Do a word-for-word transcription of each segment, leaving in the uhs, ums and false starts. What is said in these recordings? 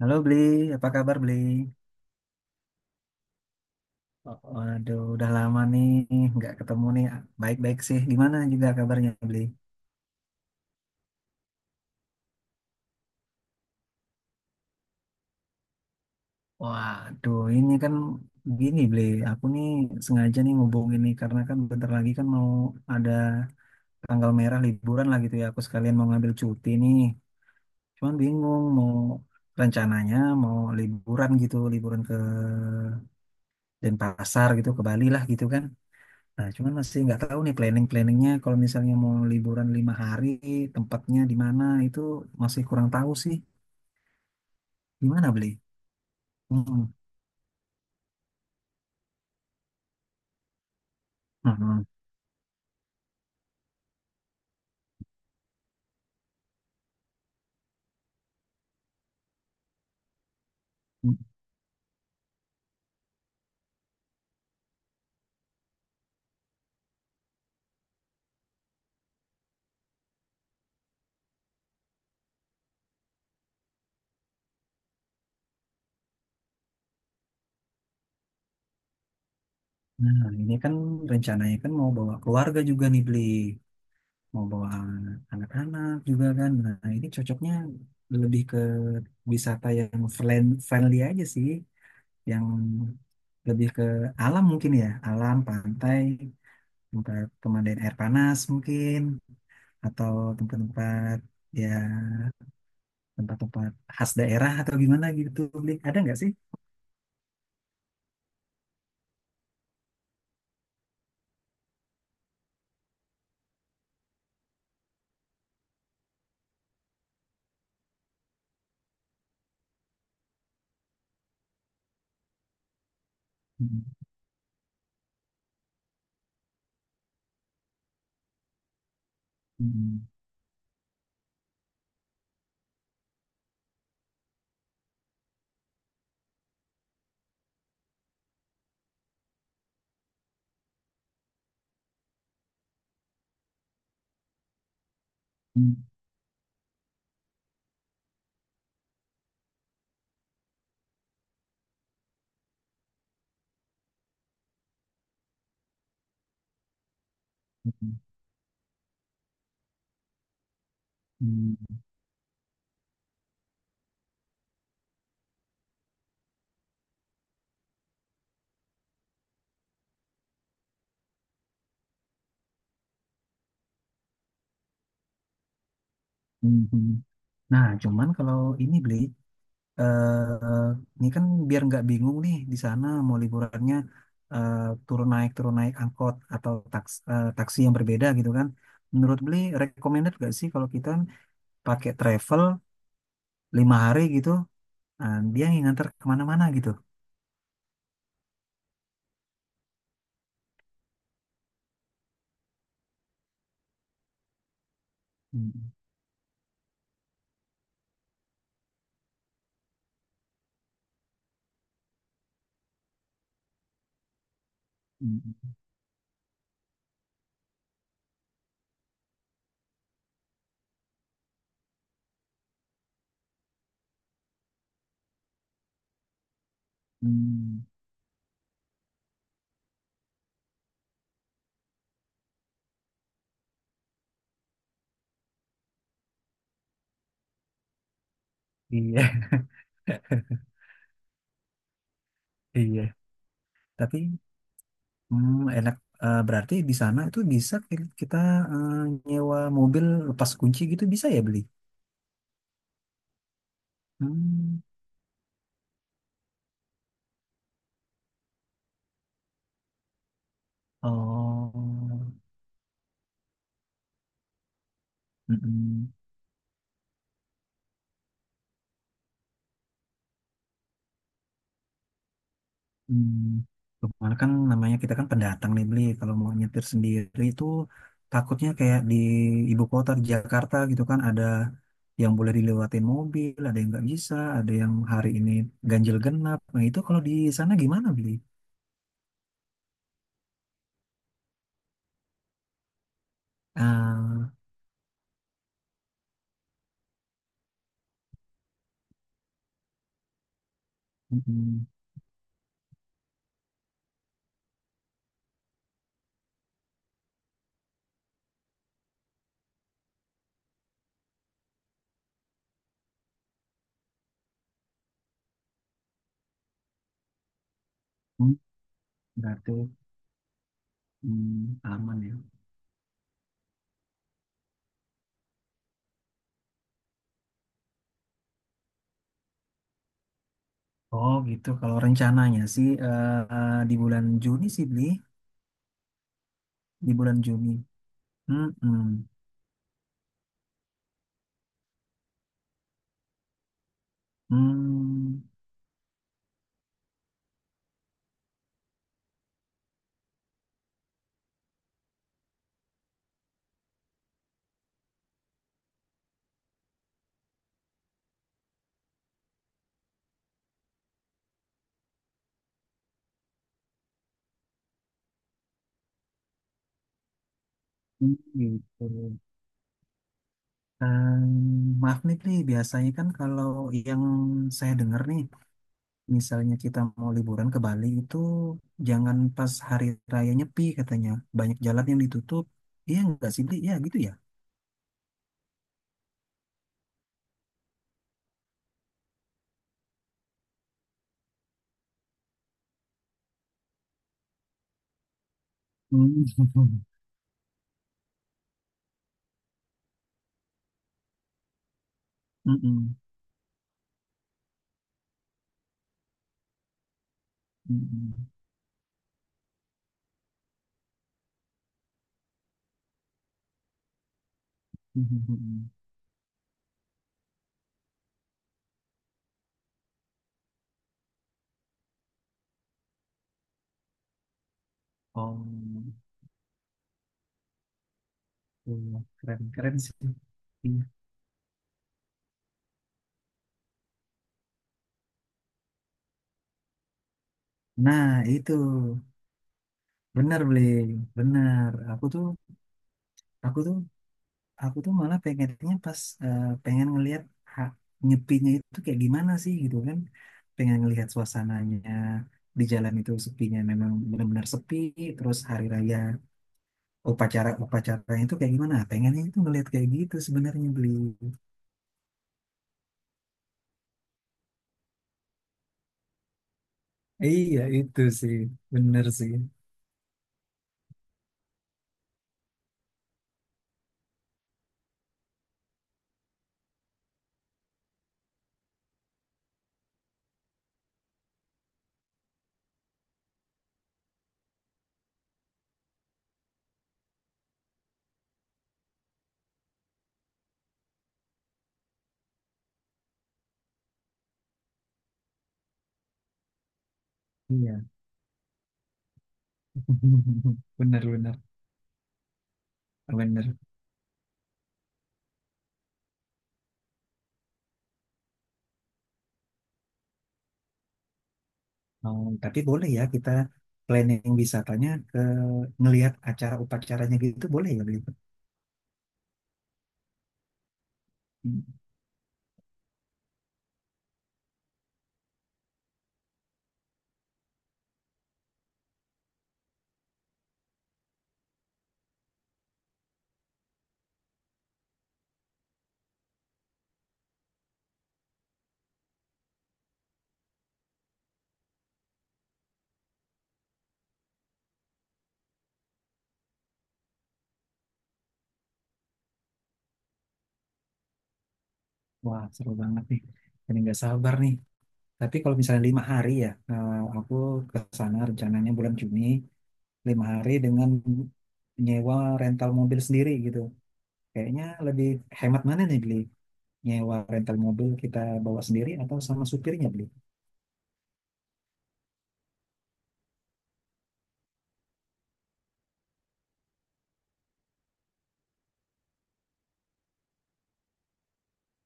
Halo Bli, apa kabar Bli? Waduh, udah lama nih nggak ketemu nih. Baik-baik sih. Gimana juga kabarnya Bli? Waduh, ini kan gini Bli, aku nih sengaja nih ngubungin nih karena kan bentar lagi kan mau ada tanggal merah liburan lah gitu ya. Aku sekalian mau ngambil cuti nih. Cuman bingung mau rencananya mau liburan gitu, liburan ke Denpasar gitu, ke Bali lah gitu kan. Nah, cuman masih nggak tahu nih planning-planningnya. Kalau misalnya mau liburan lima hari, tempatnya di mana itu masih kurang tahu sih. Gimana beli? Hmm. Nah, hmm. Nah, ini kan rencananya kan mau bawa keluarga juga nih beli, mau bawa anak-anak juga kan. Nah, ini cocoknya lebih ke wisata yang friend- friendly aja sih, yang lebih ke alam mungkin ya, alam pantai, tempat pemandian air panas mungkin, atau tempat-tempat, ya, tempat-tempat khas daerah atau gimana gitu Bli, ada nggak sih? Hmm, hmm, hmm, hmm, hmm, hmm, hmm. Nah, cuman kalau ini beli, eh ini kan biar nggak bingung nih di sana mau liburannya, eh, turun naik turun naik angkot atau taks, eh, taksi yang berbeda gitu kan. Menurut beli recommended nggak sih kalau kita pakai travel lima hari gitu, nah, dia yang nganter kemana-mana gitu? Hmm, hmm, hmm. Iya, iya. Tapi hmm, enak. Eh, berarti di sana itu bisa ki- kita eh, nyewa mobil lepas kunci gitu, bisa ya beli? Hmm. Oh, mm-mm. Hmm. Kemarin kan namanya kita kan pendatang nih beli. Kalau mau nyetir sendiri itu takutnya kayak di ibu kota di Jakarta gitu kan, ada yang boleh dilewatin mobil, ada yang nggak bisa, ada yang hari ini ganjil genap. Nah itu kalau di sana gimana beli? Ah, mm-mm. Hmm, berarti hmm, aman ya. Oh gitu. Kalau rencananya sih eh, di bulan Juni sih beli, di bulan Juni. Mm-mm. Hmm, hmm. Gitu. Em, maaf nih Bli, biasanya kan kalau yang saya dengar nih, misalnya kita mau liburan ke Bali itu jangan pas hari raya Nyepi katanya. Banyak jalan yang ditutup. Iya nggak sih Bli? Iya gitu ya. Hmm. Mm-mm. Mm-mm. Mm-mm. Oh. Wah, keren keren sih. Iya. Nah, itu bener beli, bener, aku tuh aku tuh aku tuh malah pengennya pas eh, pengen ngelihat hak nyepinya itu kayak gimana sih gitu kan. Pengen ngelihat suasananya di jalan itu sepinya memang benar-benar sepi, terus hari raya upacara upacaranya itu kayak gimana, pengennya itu ngelihat kayak gitu sebenarnya beli. Iya itu sih, bener sih, iya, bener bener bener. Oh, tapi boleh ya kita planning wisatanya ke ngelihat acara upacaranya gitu, boleh ya Beli? Hmm. Wah, seru banget nih. Ini nggak sabar nih. Tapi kalau misalnya lima hari ya, eh, aku ke sana rencananya bulan Juni, lima hari dengan nyewa rental mobil sendiri gitu. Kayaknya lebih hemat mana nih beli? Nyewa rental mobil kita bawa sendiri atau sama supirnya beli?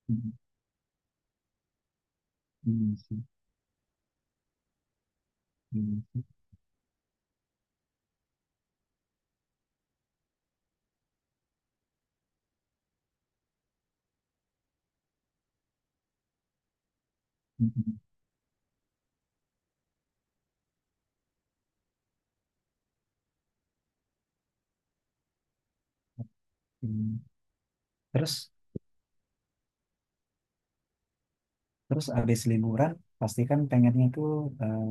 Hmm, iya sih, iya sih. Hmm, hmm, hmm. Terus Terus abis liburan pasti kan pengennya tuh, eh,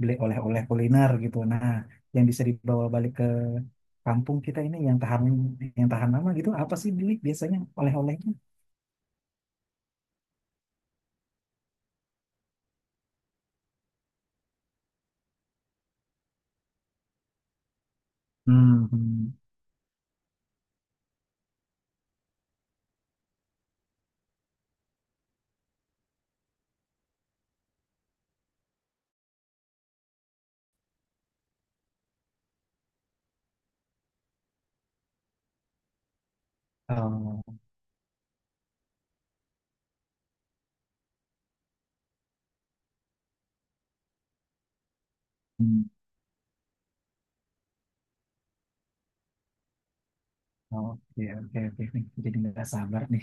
beli oleh-oleh kuliner gitu. Nah, yang bisa dibawa balik ke kampung kita ini yang tahan, yang tahan lama gitu, apa sih beli biasanya oleh-olehnya? Hmm, hmm. Oh, hmm. Oke, oke, oke, nih. Jadi nggak sabar nih.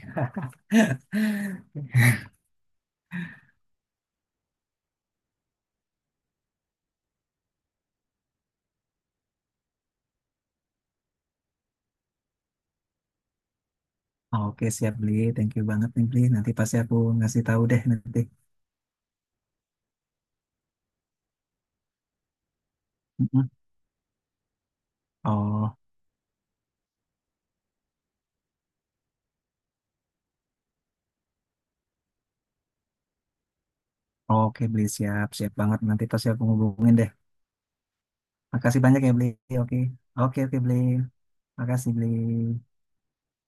Oke, siap beli. Thank you banget nih beli. Nanti pasti aku ngasih tahu deh nanti. Mm-mm. Oh, oke beli, siap, siap banget. Nanti pasti aku hubungin deh. Makasih banyak ya beli. Oke, oke, oke beli. Makasih, Bli.